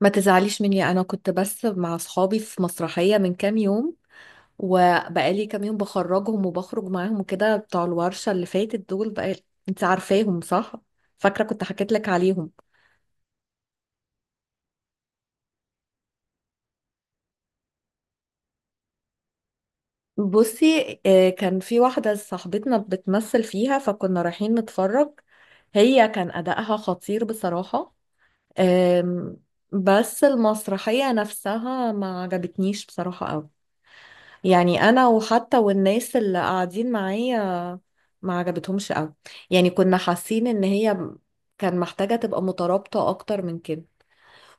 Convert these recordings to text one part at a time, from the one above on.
ما تزعليش مني، انا كنت بس مع اصحابي في مسرحية من كام يوم. وبقالي كام يوم بخرجهم وبخرج معاهم وكده بتوع الورشة اللي فاتت دول بقى. انت عارفاهم صح؟ فاكرة كنت حكيت لك عليهم. بصي، كان في واحدة صاحبتنا بتمثل فيها فكنا رايحين نتفرج. هي كان أداءها خطير بصراحة. آم، بس المسرحية نفسها ما عجبتنيش بصراحة قوي. يعني أنا وحتى والناس اللي قاعدين معايا ما عجبتهمش قوي. يعني كنا حاسين ان هي كان محتاجة تبقى مترابطة اكتر من كده.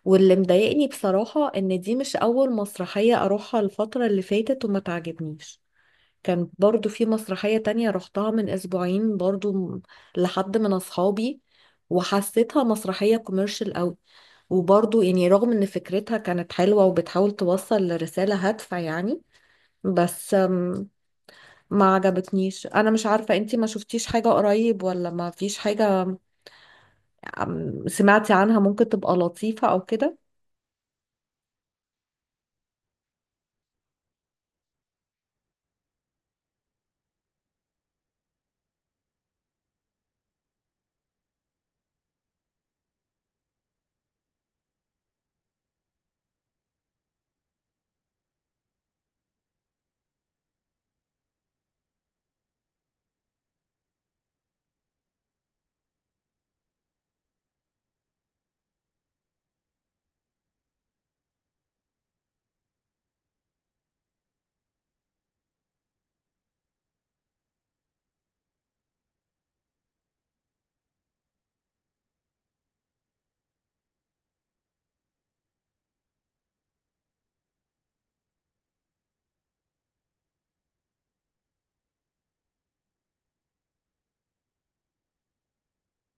واللي مضايقني بصراحة ان دي مش اول مسرحية اروحها الفترة اللي فاتت وما تعجبنيش. كان برضو في مسرحية تانية رحتها من اسبوعين برضو لحد من اصحابي. وحسيتها مسرحية كوميرشال قوي. وبرضو يعني رغم ان فكرتها كانت حلوة وبتحاول توصل لرسالة هادفة يعني، بس ما عجبتنيش. انا مش عارفة انتي ما شفتيش حاجة قريب ولا ما فيش حاجة. سمعتي عنها ممكن تبقى لطيفة او كده.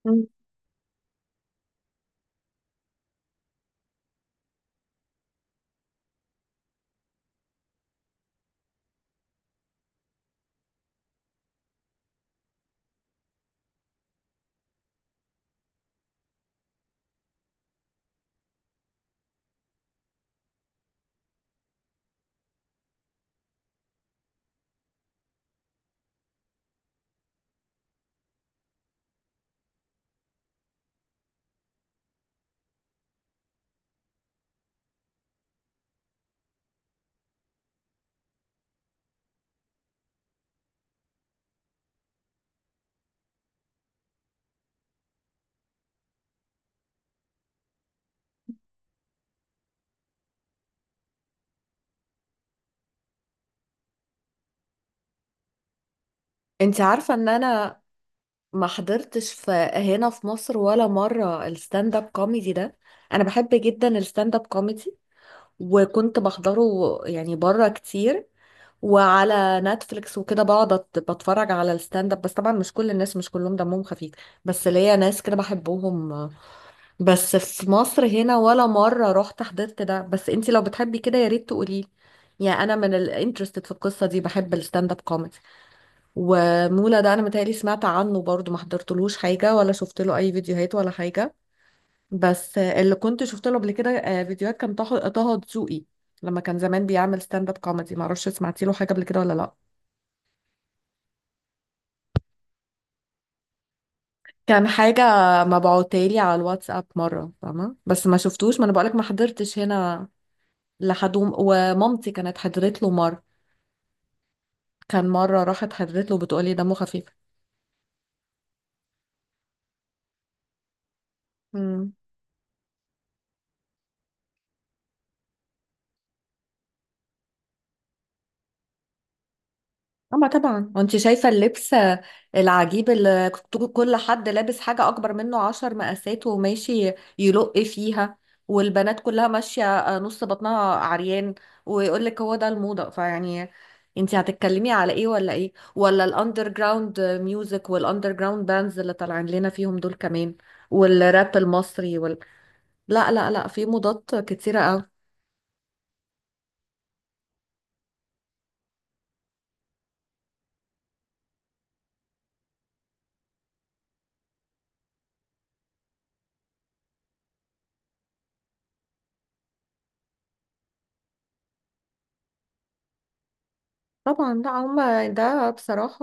مم. انتي عارفة ان انا ما حضرتش في هنا في مصر ولا مرة الستاند اب كوميدي ده. انا بحب جدا الستاند اب كوميدي وكنت بحضره، يعني بره كتير. وعلى نتفليكس وكده بقعد بتفرج على الستاند اب، بس طبعا مش كل الناس مش كلهم دمهم خفيف. بس ليا ناس كده بحبهم. بس في مصر هنا ولا مرة رحت حضرت ده. بس انتي لو بتحبي كده يا ريت تقولي. يعني انا من الانترستد في القصة دي، بحب الستاند اب كوميدي. ومولا ده انا متهيألي سمعت عنه برضو، ما حضرتلوش حاجة ولا شفت له اي فيديوهات ولا حاجة. بس اللي كنت شفت له قبل كده فيديوهات كان طه دسوقي. لما كان زمان بيعمل ستاند اب كوميدي. معرفش سمعتي له حاجة قبل كده ولا لا. كان حاجة مبعوتالي على الواتساب مرة، فاهمة، بس ما شفتوش. ما انا بقولك ما حضرتش هنا. لحد ومامتي كانت حضرت له مرة. كان مرة راحت حضرت له بتقولي دمه خفيف. امم اما طبعا وانت شايفة اللبس العجيب، اللي كل حد لابس حاجة اكبر منه 10 مقاسات وماشي يلق فيها. والبنات كلها ماشية نص بطنها عريان. ويقول لك هو ده الموضة. فيعني انت هتتكلمي على ايه ولا ايه، ولا الاندر جراوند ميوزك والاندر جراوند باندز اللي طالعين لنا فيهم دول كمان، والراب المصري. لا لا لا، في مضادات كتيرة قوي. طبعا لا، هما ده بصراحة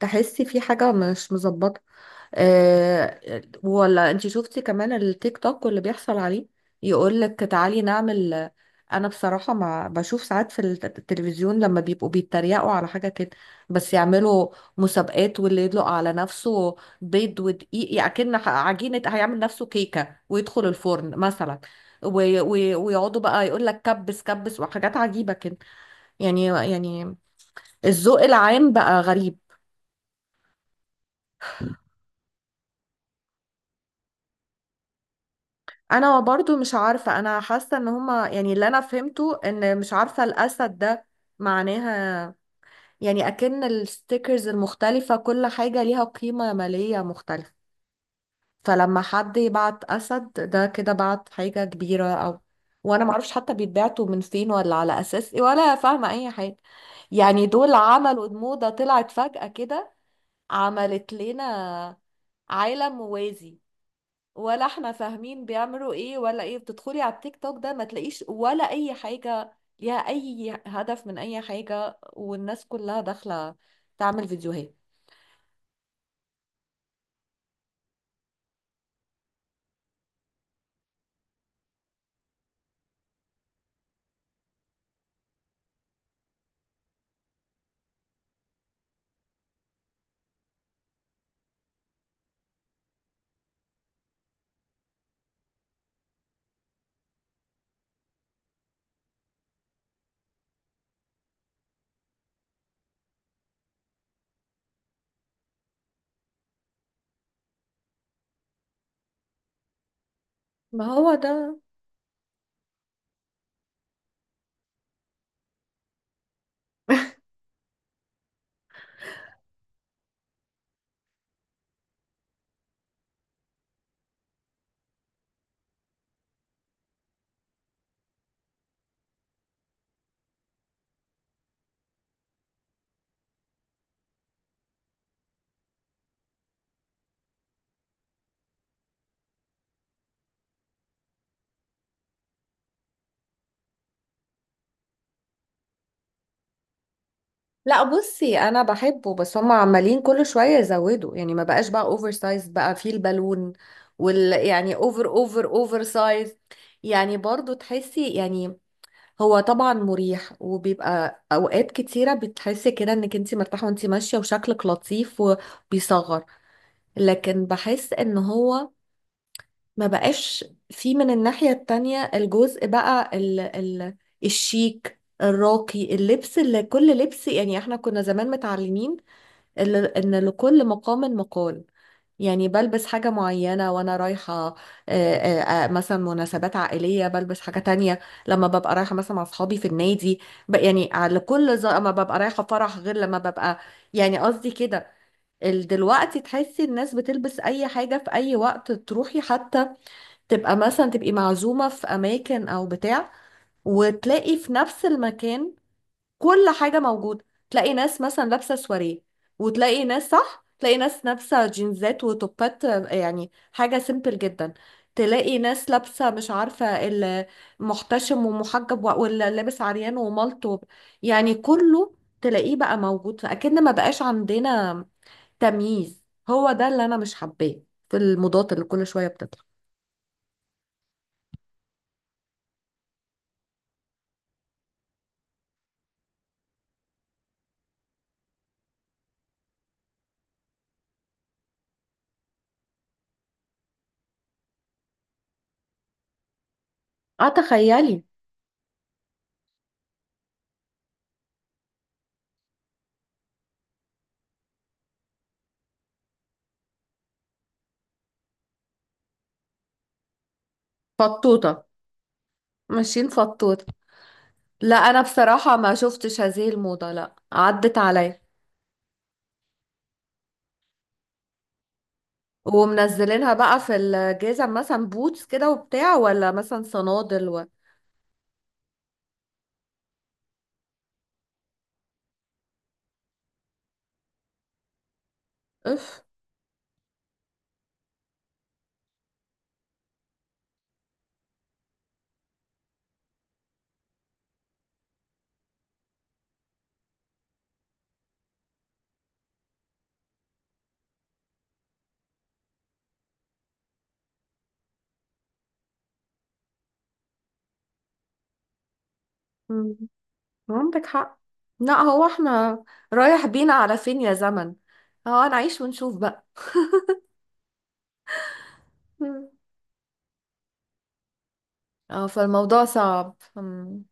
تحسي في حاجة مش مظبطة. آه، ولا انت شفتي كمان التيك توك واللي بيحصل عليه. يقول لك تعالي نعمل، انا بصراحة ما بشوف ساعات في التلفزيون لما بيبقوا بيتريقوا على حاجة كده. بس يعملوا مسابقات، واللي يدلق على نفسه بيض ودقيق، يعني أكن عجينة هيعمل نفسه كيكة ويدخل الفرن مثلا. ويقعدوا بقى يقول لك كبس كبس وحاجات عجيبة كده. يعني الذوق العام بقى غريب. انا برضو مش عارفة. انا حاسة ان هما، يعني اللي انا فهمته ان، مش عارفة، الاسد ده معناها يعني اكن الستيكرز المختلفة كل حاجة ليها قيمة مالية مختلفة. فلما حد يبعت اسد ده كده بعت حاجة كبيرة او. وانا معرفش حتى بيتبعتوا من فين ولا على اساس ايه، ولا فاهمة اي حاجة. يعني دول عملوا موضة طلعت فجأة كده، عملت لنا عالم موازي. ولا احنا فاهمين بيعملوا ايه ولا ايه. بتدخلي على التيك توك ده ما تلاقيش ولا اي حاجة ليها اي هدف من اي حاجة، والناس كلها داخلة تعمل فيديوهات. ما هو ده. لا بصي، انا بحبه، بس هم عمالين كل شوية يزودوا. يعني ما بقاش بقى اوفر سايز، بقى فيه البالون، وال يعني اوفر اوفر اوفر سايز. يعني برضو تحسي، يعني هو طبعا مريح وبيبقى اوقات كتيره بتحسي كده انك انت مرتاحه وانت ماشيه وشكلك لطيف وبيصغر. لكن بحس ان هو ما بقاش في، من الناحيه التانية، الجزء بقى ال ال الشيك الراقي، اللبس اللي كل لبس. يعني احنا كنا زمان متعلمين إن لكل مقام مقال. يعني بلبس حاجة معينة وأنا رايحة مثلا مناسبات عائلية بلبس حاجة تانية. لما ببقى رايحة مثلا مع أصحابي في النادي يعني على كل ما ببقى رايحة فرح غير لما ببقى. يعني قصدي كده، دلوقتي تحسي الناس بتلبس أي حاجة في أي وقت. تروحي حتى تبقى مثلا، تبقي معزومة في أماكن أو بتاع، وتلاقي في نفس المكان كل حاجة موجودة. تلاقي ناس مثلا لابسة سواريه، وتلاقي ناس، صح، تلاقي ناس لابسة جينزات وتوبات، يعني حاجة سيمبل جدا. تلاقي ناس لابسة، مش عارفة، المحتشم ومحجب واللي لابس عريان وملط يعني كله تلاقيه بقى موجود، فأكن ما بقاش عندنا تمييز. هو ده اللي أنا مش حباه في الموضات اللي كل شوية بتطلع. اه تخيلي. فطوطة. ماشيين فطوطة. لا انا بصراحة ما شفتش هذه الموضة، لا عدت عليا. ومنزلينها بقى في الجزم، مثلا بوتس كده وبتاع، ولا مثلا صنادل اف. مم، عندك حق. لا، هو احنا رايح بينا على فين يا زمن. هو هنعيش ونشوف بقى. مم. اه، فالموضوع صعب. مم.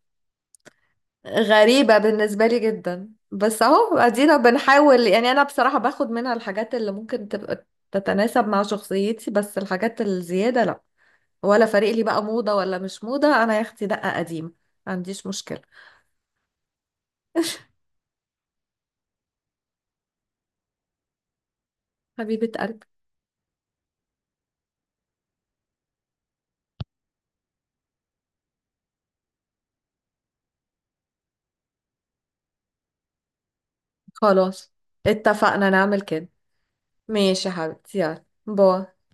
غريبة بالنسبة لي جدا، بس اهو ادينا بنحاول. يعني انا بصراحة باخد منها الحاجات اللي ممكن تبقى تتناسب مع شخصيتي، بس الحاجات الزيادة لا. ولا فارق لي بقى موضة ولا مش موضة، أنا يا أختي دقة قديمة، ما عنديش مشكلة. حبيبة قلبي، خلاص اتفقنا نعمل كده. ماشي يا حبيبتي، يلا باي.